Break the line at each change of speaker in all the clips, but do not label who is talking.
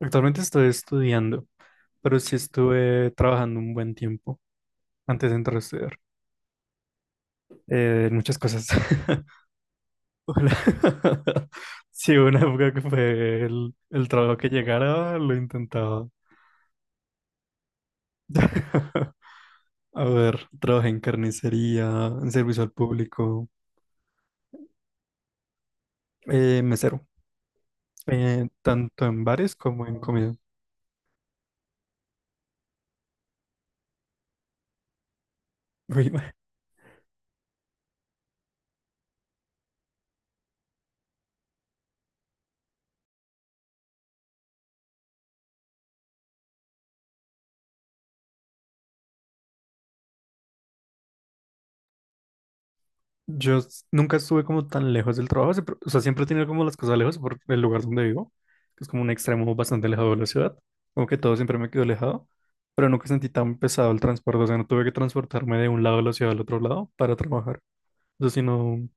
Actualmente estoy estudiando, pero sí estuve trabajando un buen tiempo antes de entrar a estudiar. Muchas cosas. Hola. Sí, hubo una época que fue el trabajo que llegara, lo intentaba. A ver, trabajé en carnicería, en servicio al público, mesero, tanto en bares como en comida. Uy. Nunca estuve como tan lejos del trabajo, siempre... O sea, siempre he tenido como las cosas lejos por el lugar donde vivo, que es como un extremo bastante alejado de la ciudad, como que todo siempre me quedó alejado, pero nunca sentí tan pesado el transporte. O sea, no tuve que transportarme de un lado de la ciudad al otro lado para trabajar. O sea, sino,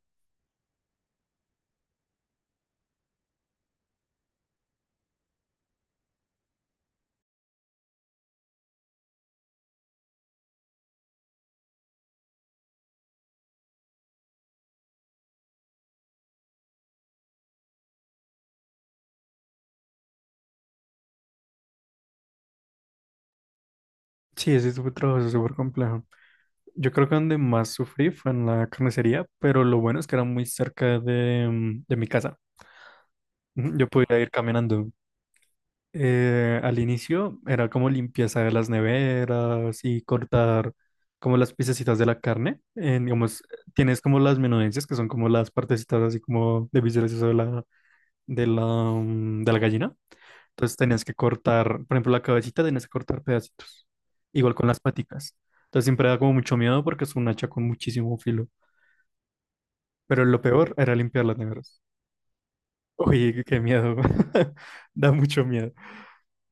sí, ese fue trabajo súper complejo. Yo creo que donde más sufrí fue en la carnicería, pero lo bueno es que era muy cerca de, de mi casa. Ujú. Yo podía ir caminando. Al inicio era como limpieza de las neveras y cortar como las piececitas de la carne. En, digamos, tienes como las menudencias, que son como las partecitas así como de vísceras y eso de la de la gallina. Entonces tenías que cortar, por ejemplo, la cabecita, tenías que cortar pedacitos. Igual con las paticas. Entonces siempre da como mucho miedo porque es un hacha con muchísimo filo. Pero lo peor era limpiar las neveras. Uy, qué miedo. Da mucho miedo.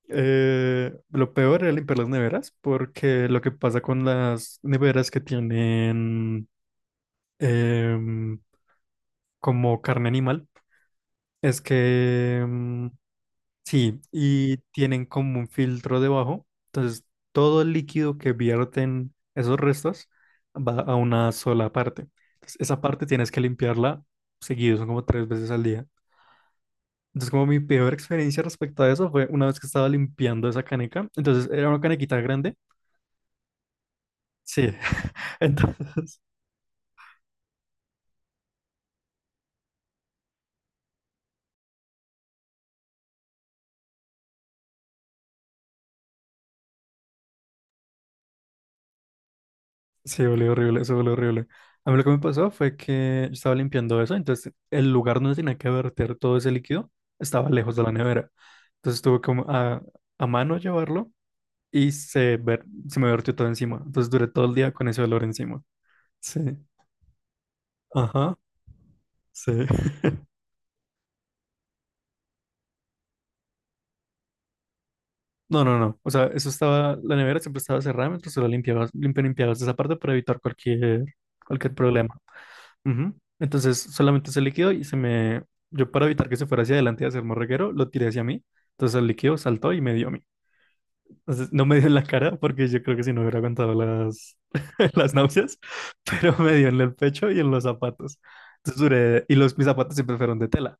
Lo peor era limpiar las neveras, porque lo que pasa con las neveras que tienen em, como carne animal es que sí, y tienen como un filtro debajo, entonces todo el líquido que vierten esos restos va a una sola parte. Entonces, esa parte tienes que limpiarla seguido, son como tres veces al día. Entonces, como mi peor experiencia respecto a eso fue una vez que estaba limpiando esa caneca, entonces era una canequita grande. Sí. Entonces, sí, volvió horrible, eso volvió horrible. A mí lo que me pasó fue que yo estaba limpiando eso, entonces el lugar donde tenía que verter todo ese líquido estaba lejos de la nevera. Entonces tuve como a mano llevarlo y se me vertió todo encima. Entonces duré todo el día con ese olor encima. Sí, ajá, sí. No, no, no. O sea, eso estaba, la nevera siempre estaba cerrada mientras tú la limpiabas, limpiabas esa parte para evitar cualquier problema. Ujú. Entonces solamente ese líquido y se me... Yo para evitar que se fuera hacia adelante y hacer morreguero, lo tiré hacia mí. Entonces el líquido saltó y me dio a mí. Entonces no me dio en la cara porque yo creo que si no hubiera aguantado las, las náuseas, pero me dio en el pecho y en los zapatos. Y mis zapatos siempre fueron de tela.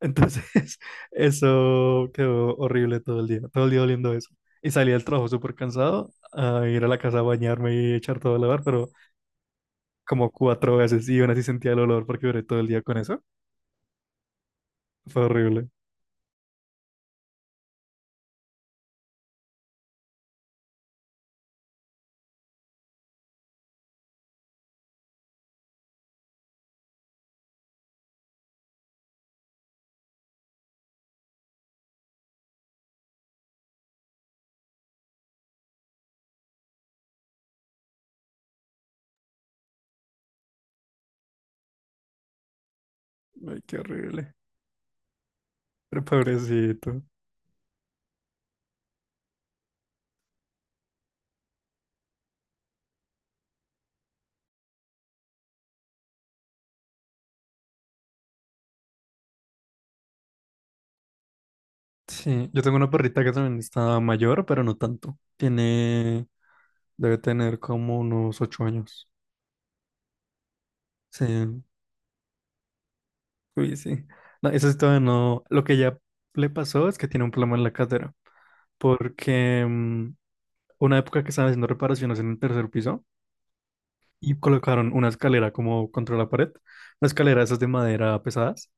Entonces eso quedó horrible todo el día oliendo eso. Y salí del trabajo súper cansado a ir a la casa a bañarme y echar todo a lavar, pero como cuatro veces y aún así sentía el olor porque duré todo el día con eso. Fue horrible. Ay, qué horrible. Pero pobrecito. Sí, yo tengo una perrita que también está mayor, pero no tanto. Tiene, debe tener como unos 8 años. Sí, uy, sí. No, eso es todavía no. Lo que ya le pasó es que tiene un problema en la cadera. Porque una época que estaban haciendo reparaciones en el tercer piso y colocaron una escalera como contra la pared, una escalera esas de madera pesadas.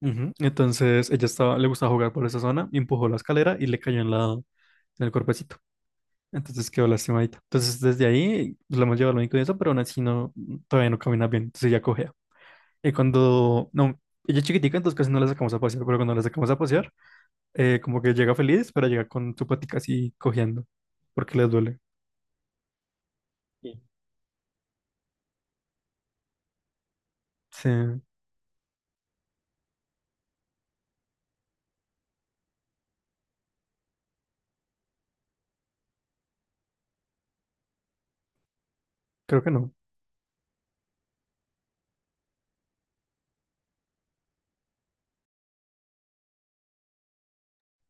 Ujú. Entonces ella estaba, le gustaba jugar por esa zona, y empujó la escalera y le cayó en el cuerpecito. Entonces quedó lastimadita. Entonces desde ahí pues, la hemos llevado al médico y eso, pero aún así no, todavía no camina bien. Entonces ella cojea. Y cuando, no, ella es chiquitica, entonces casi no la sacamos a pasear, pero cuando la sacamos a pasear, como que llega feliz, pero llega con su patica así cojeando, porque le duele. Sí. Sí, creo que no.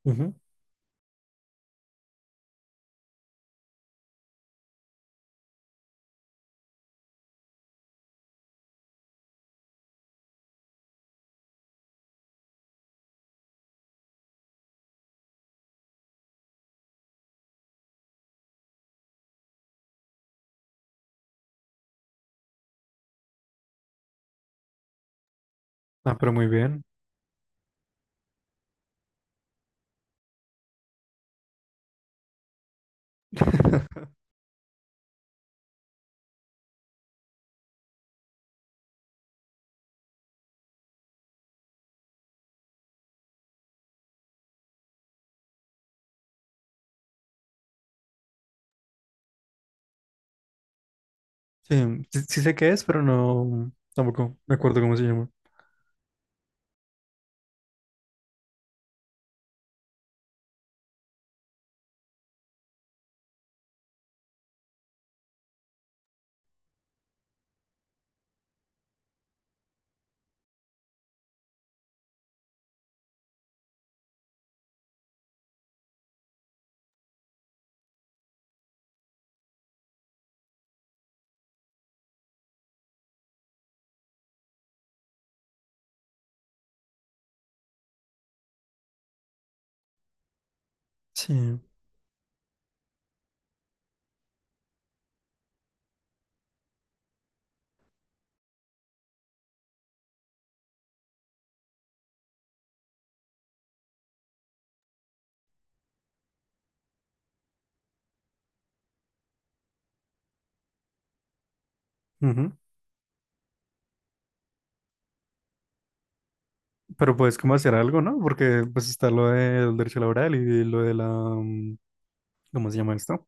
Ujú. Ah, pero muy bien. Sí, sí, sí sé qué es, pero no, tampoco me acuerdo cómo se llama. Sí. Ujú. Pero puedes como hacer algo, ¿no? Porque pues está lo del derecho laboral y lo de la... ¿Cómo se llama esto?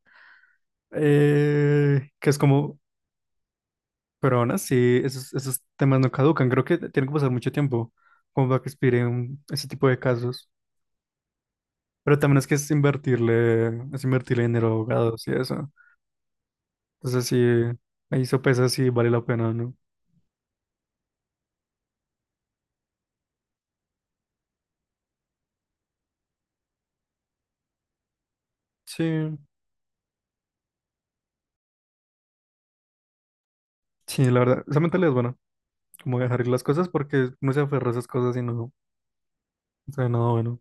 Que es como... Pero aún así, esos temas no caducan. Creo que tiene que pasar mucho tiempo como para que expiren ese tipo de casos. Pero también es que es invertirle dinero a abogados y eso. Entonces sí, ahí sopesa si vale la pena o no. Sí, sí, la verdad. Esa mentalidad es buena. Como dejar ir las cosas porque no se aferra a esas cosas y no, no sabe nada bueno.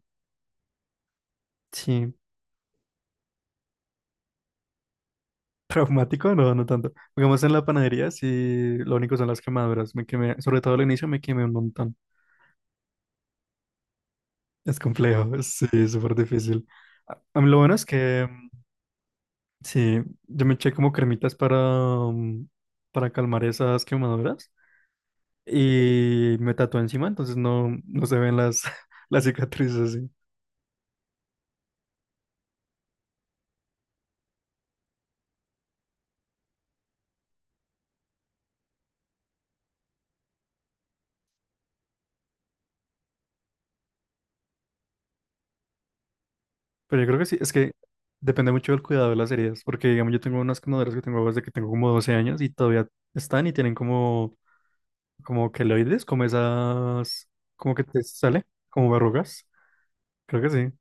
Sí. Traumático, no, no tanto. Digamos en la panadería, sí, lo único son las quemaduras. Me quemé, sobre todo al inicio me quemé un montón. Es complejo, sí, es súper difícil. A mí lo bueno es que, sí, yo me eché como cremitas para, para calmar esas quemaduras y me tatué encima, entonces no, no se ven las, las cicatrices, sí. Pero yo creo que sí, es que depende mucho del cuidado de las heridas, porque digamos yo tengo unas quemaduras que tengo desde que tengo como 12 años y todavía están y tienen como como queloides, como esas, como que te sale, como verrugas, creo que sí.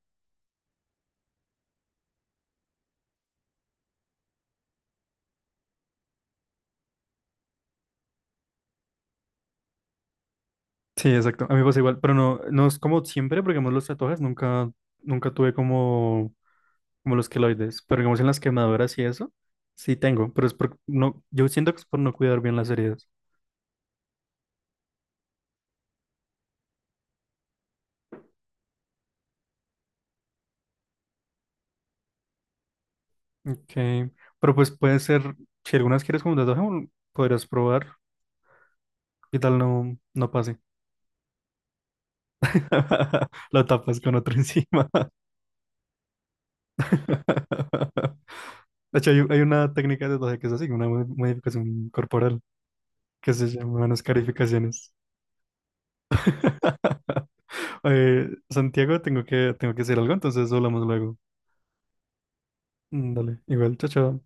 Sí, exacto, a mí me pasa igual, pero no, no es como siempre, porque digamos los tatuajes nunca tuve como, como los queloides, pero digamos en las quemaduras y eso, sí tengo, pero es por, no, yo siento que es por no cuidar bien las heridas. Ok, pero pues puede ser, si algunas quieres como un tatuaje, podrías probar, qué tal no, no pase. Lo tapas con otro encima. De hecho, hay una técnica de tatuaje que es así, una modificación corporal, que se llaman escarificaciones. Oye, Santiago, tengo que hacer algo, entonces hablamos luego. Dale, igual, chao, chao.